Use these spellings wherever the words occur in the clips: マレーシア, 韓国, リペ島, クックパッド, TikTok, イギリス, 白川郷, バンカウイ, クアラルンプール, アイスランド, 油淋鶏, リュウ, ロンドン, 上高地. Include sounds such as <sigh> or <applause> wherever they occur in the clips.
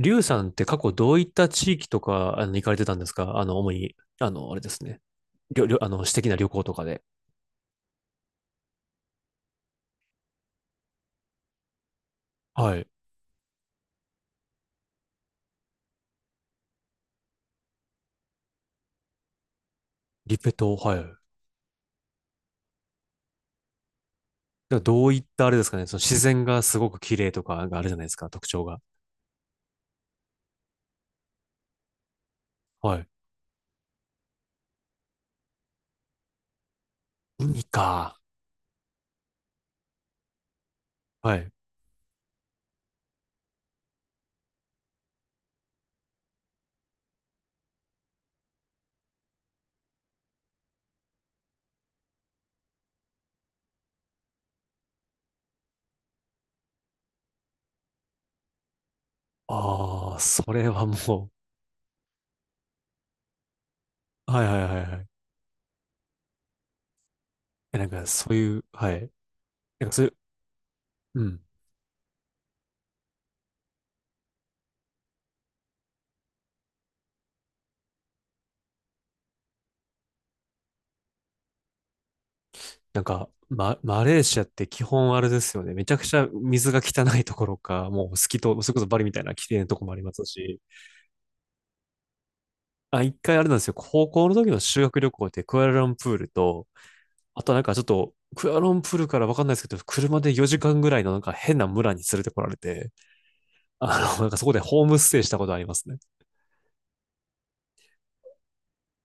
リュウさんって過去どういった地域とか、行かれてたんですか？主に、あれですね。りょ、りょ、あの、私的な旅行とかで。はい。リペ島、はい。で、どういったあれですかね？その自然がすごく綺麗とかがあるじゃないですか、特徴が。はい。海か。はい。ああ、それはもう、はいはいはいはい。え、なんかそういう、はい。なんかそういう、うん。なんか、マレーシアって基本あれですよね。めちゃくちゃ水が汚いところか、もう透き通、それこそバリみたいな綺麗なとこもありますし。あ、一回あれなんですよ。高校の時の修学旅行でクアラルンプールと、あとなんかちょっと、クアラルンプールからわかんないですけど、車で4時間ぐらいのなんか変な村に連れてこられて、なんかそこでホームステイしたことありますね。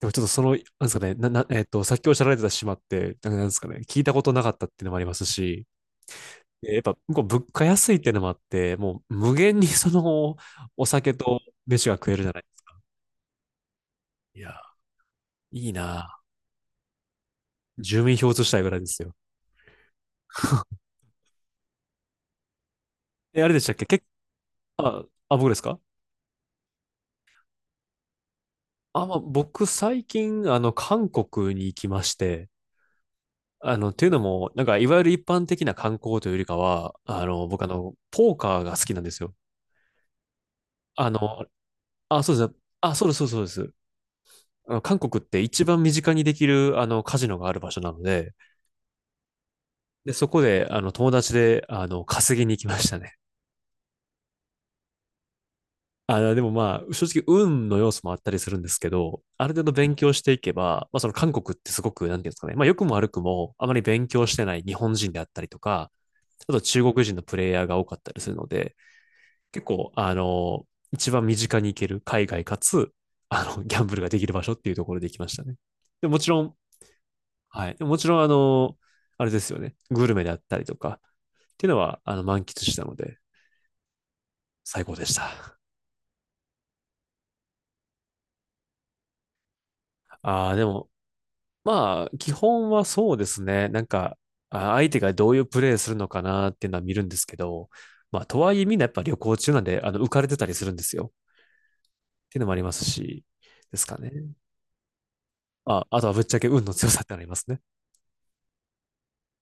でもちょっとその、なんですかね、な、な、えっと、さっきおっしゃられてた島って、なんかなんですかね、聞いたことなかったっていうのもありますし、やっぱ向こう物価安いっていうのもあって、もう無限にそのお酒と飯が食えるじゃないですか。いや、いいな。住民票移したいぐらいですよ。え、あれでしたっけ？あ、僕ですか？あ、まあ、僕最近、韓国に行きまして、っていうのも、なんか、いわゆる一般的な観光というよりかは、僕、ポーカーが好きなんですよ。あの、あ、そうですね。あ、そうです、そうです、そうです。韓国って一番身近にできる、カジノがある場所なので、で、そこで、友達で、稼ぎに行きましたね。あ、でもまあ、正直、運の要素もあったりするんですけど、ある程度勉強していけば、まあ、その韓国ってすごく、なんていうんですかね、まあ、良くも悪くも、あまり勉強してない日本人であったりとか、あと中国人のプレイヤーが多かったりするので、結構、一番身近に行ける海外かつ、<laughs> ギャンブルができる場所っていうところで行きましたね。で、もちろん、はい。でもちろん、あれですよね、グルメであったりとか、っていうのは、満喫したので、最高でした。ああ、でも、まあ、基本はそうですね。なんか、相手がどういうプレーするのかなっていうのは見るんですけど、まあ、とはいえみんなやっぱ旅行中なんで、浮かれてたりするんですよ。っていうのもありますし、ですかね。あ、あとはぶっちゃけ運の強さってありますね。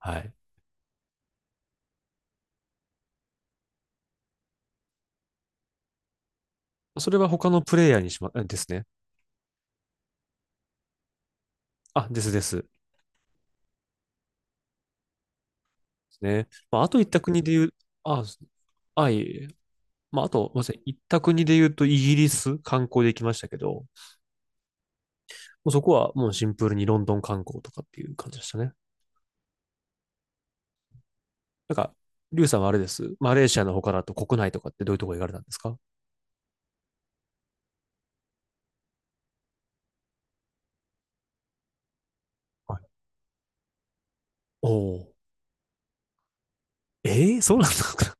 はい。それは他のプレイヤーにしま、えですね。あ、ですです。ですね。まあ、あと行った国で言う、あ、あ、いえいえまあ、あと、ごめんなさい。行った国で言うと、イギリス観光で行きましたけど、もうそこはもうシンプルにロンドン観光とかっていう感じでしたね。なんか、リュウさんはあれです。マレーシアの他だと国内とかってどういうとこ行かれたんですか？はい。おおー。ええー、そうなんだ。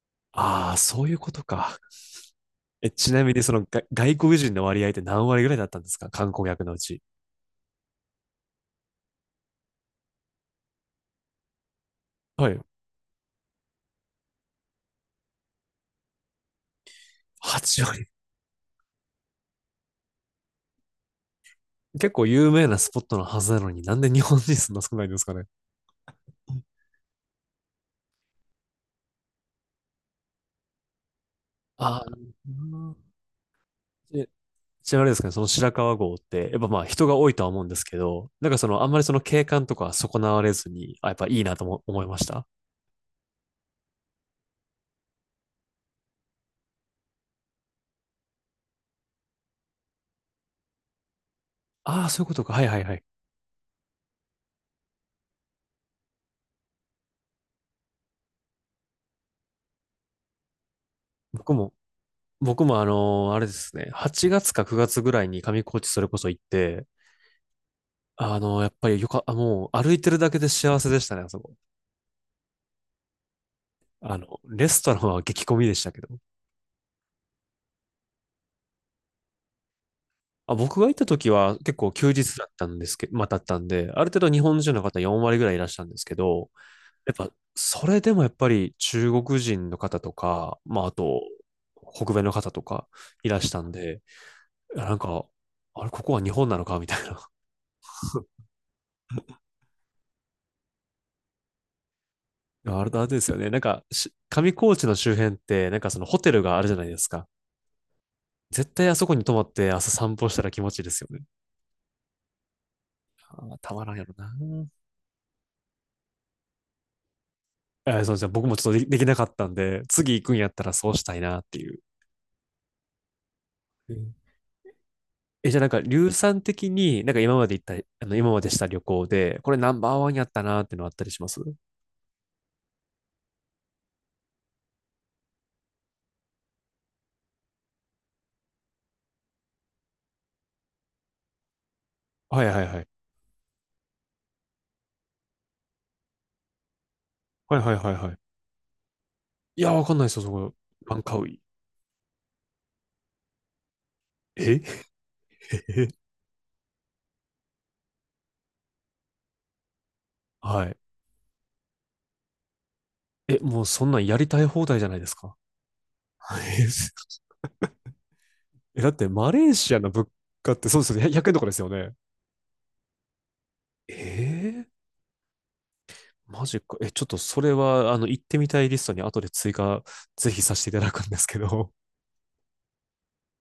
<laughs> ああ、そういうことか。え、ちなみにが外国人の割合って何割ぐらいだったんですか、観光客のうち？はい。8割。結構有名なスポットのはずなのになんで日本人そんな少ないんですかね。ああ、うん。えちなみにあれですかね、その白川郷って、やっぱまあ人が多いとは思うんですけど、なんかそのあんまりその景観とかは損なわれずに、あ、やっぱいいなとも思いました。ああ、そういうことか。はいはいはい。僕も、僕もあれですね、8月か9月ぐらいに上高地それこそ行って、やっぱりよか、あもう歩いてるだけで幸せでしたね、あそこ。レストランは激混みでしたけど。あ、僕が行った時は結構休日だったんですけど、まあ、だったんで、ある程度日本人の方4割ぐらいいらっしゃるんですけど、やっぱ、それでもやっぱり中国人の方とか、まあ、あと、北米の方とかいらしたんで、いやなんか、あれ、ここは日本なのかみたいな。あれですよね。なんかし、上高地の周辺って、なんかそのホテルがあるじゃないですか。絶対あそこに泊まって朝散歩したら気持ちいいですよね。あーたまらんやろな。そうじゃ僕もちょっとできなかったんで、次行くんやったらそうしたいなっていう。うん。じゃあなんか、硫酸的に、なんか今まで行った、今までした旅行で、これナンバーワンやったなっていうのあったりします？はいはいはい。はいはいはいはい。いや、わかんないですよ、そこ。バンカウイ。え。 <laughs> はい。え、もうそんなんやりたい放題じゃないですか。<laughs> え、だってマレーシアの物価ってそうですよね。100円とかですよね。ええ、マジか。え、ちょっとそれは、行ってみたいリストに後で追加、ぜひさせていただくんですけど。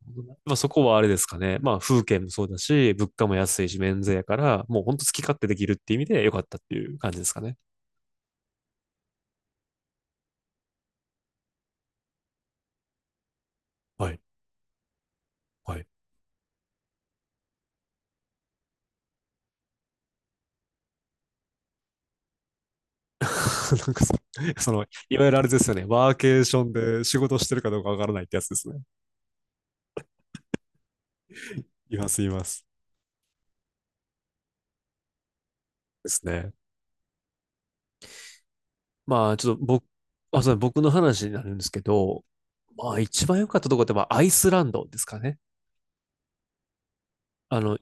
<laughs> まあそこはあれですかね。まあ風景もそうだし、物価も安いし、免税やから、もうほんと好き勝手できるっていう意味で良かったっていう感じですかね。はい。はい。<laughs> なんかその、いわゆるあれですよね。ワーケーションで仕事してるかどうかわからないってやつですね。います、います。ですね。まあちょっと僕、あ、そうだ、僕の話になるんですけど、まあ、一番良かったところって、まあ、アイスランドですかね。あの、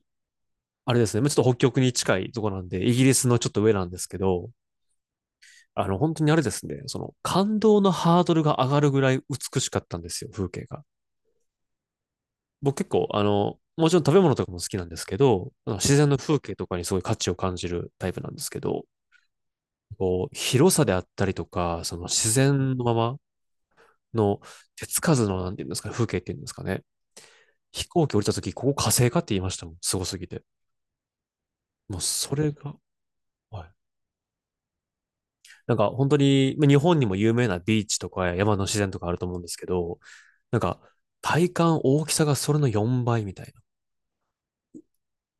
あれですね。ちょっと北極に近いところなんで、イギリスのちょっと上なんですけど、本当にあれですね。その、感動のハードルが上がるぐらい美しかったんですよ、風景が。僕結構、もちろん食べ物とかも好きなんですけど、自然の風景とかにすごい価値を感じるタイプなんですけど、こう、広さであったりとか、その自然のままの手つかずの、なんていうんですかね、風景っていうんですかね。飛行機降りた時、ここ火星かって言いましたもん。すごすぎて。もうそれが、はい。なんか本当に、まあ日本にも有名なビーチとか山の自然とかあると思うんですけど、なんか体感大きさがそれの4倍みたいな。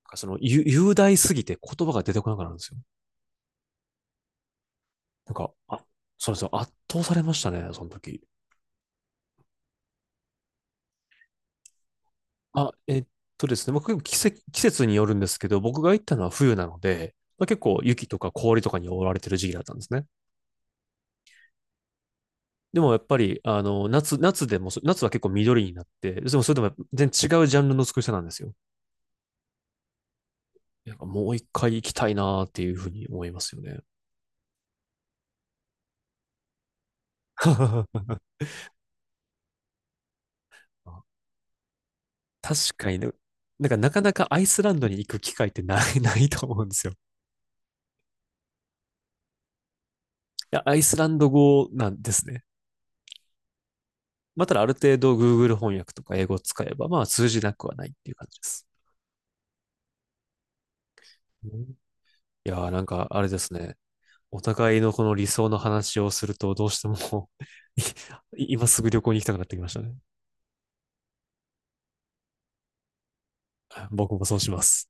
なんかその雄大すぎて言葉が出てこなくなるんですよ。なんか、あ、そうですよ。圧倒されましたね、その時。あ、ですね、僕、季節によるんですけど、僕が行ったのは冬なので、まあ、結構雪とか氷とかに覆われてる時期だったんですね。でもやっぱり、夏、夏でもそ、夏は結構緑になって、でもそれでも全然違うジャンルの美しさなんですよ。なんかもう一回行きたいなーっていうふうに思いますよね。<laughs> あ、確かにね。なんかなかなかアイスランドに行く機会ってない、<laughs> ないと思うんですよ。いや、アイスランド語なんですね。まあ、ただある程度 Google 翻訳とか英語を使えば、まあ通じなくはないっていう感じです。うん。いやー、なんかあれですね。お互いのこの理想の話をするとどうしても、 <laughs> 今すぐ旅行に行きたくなってきましたね。僕もそうします。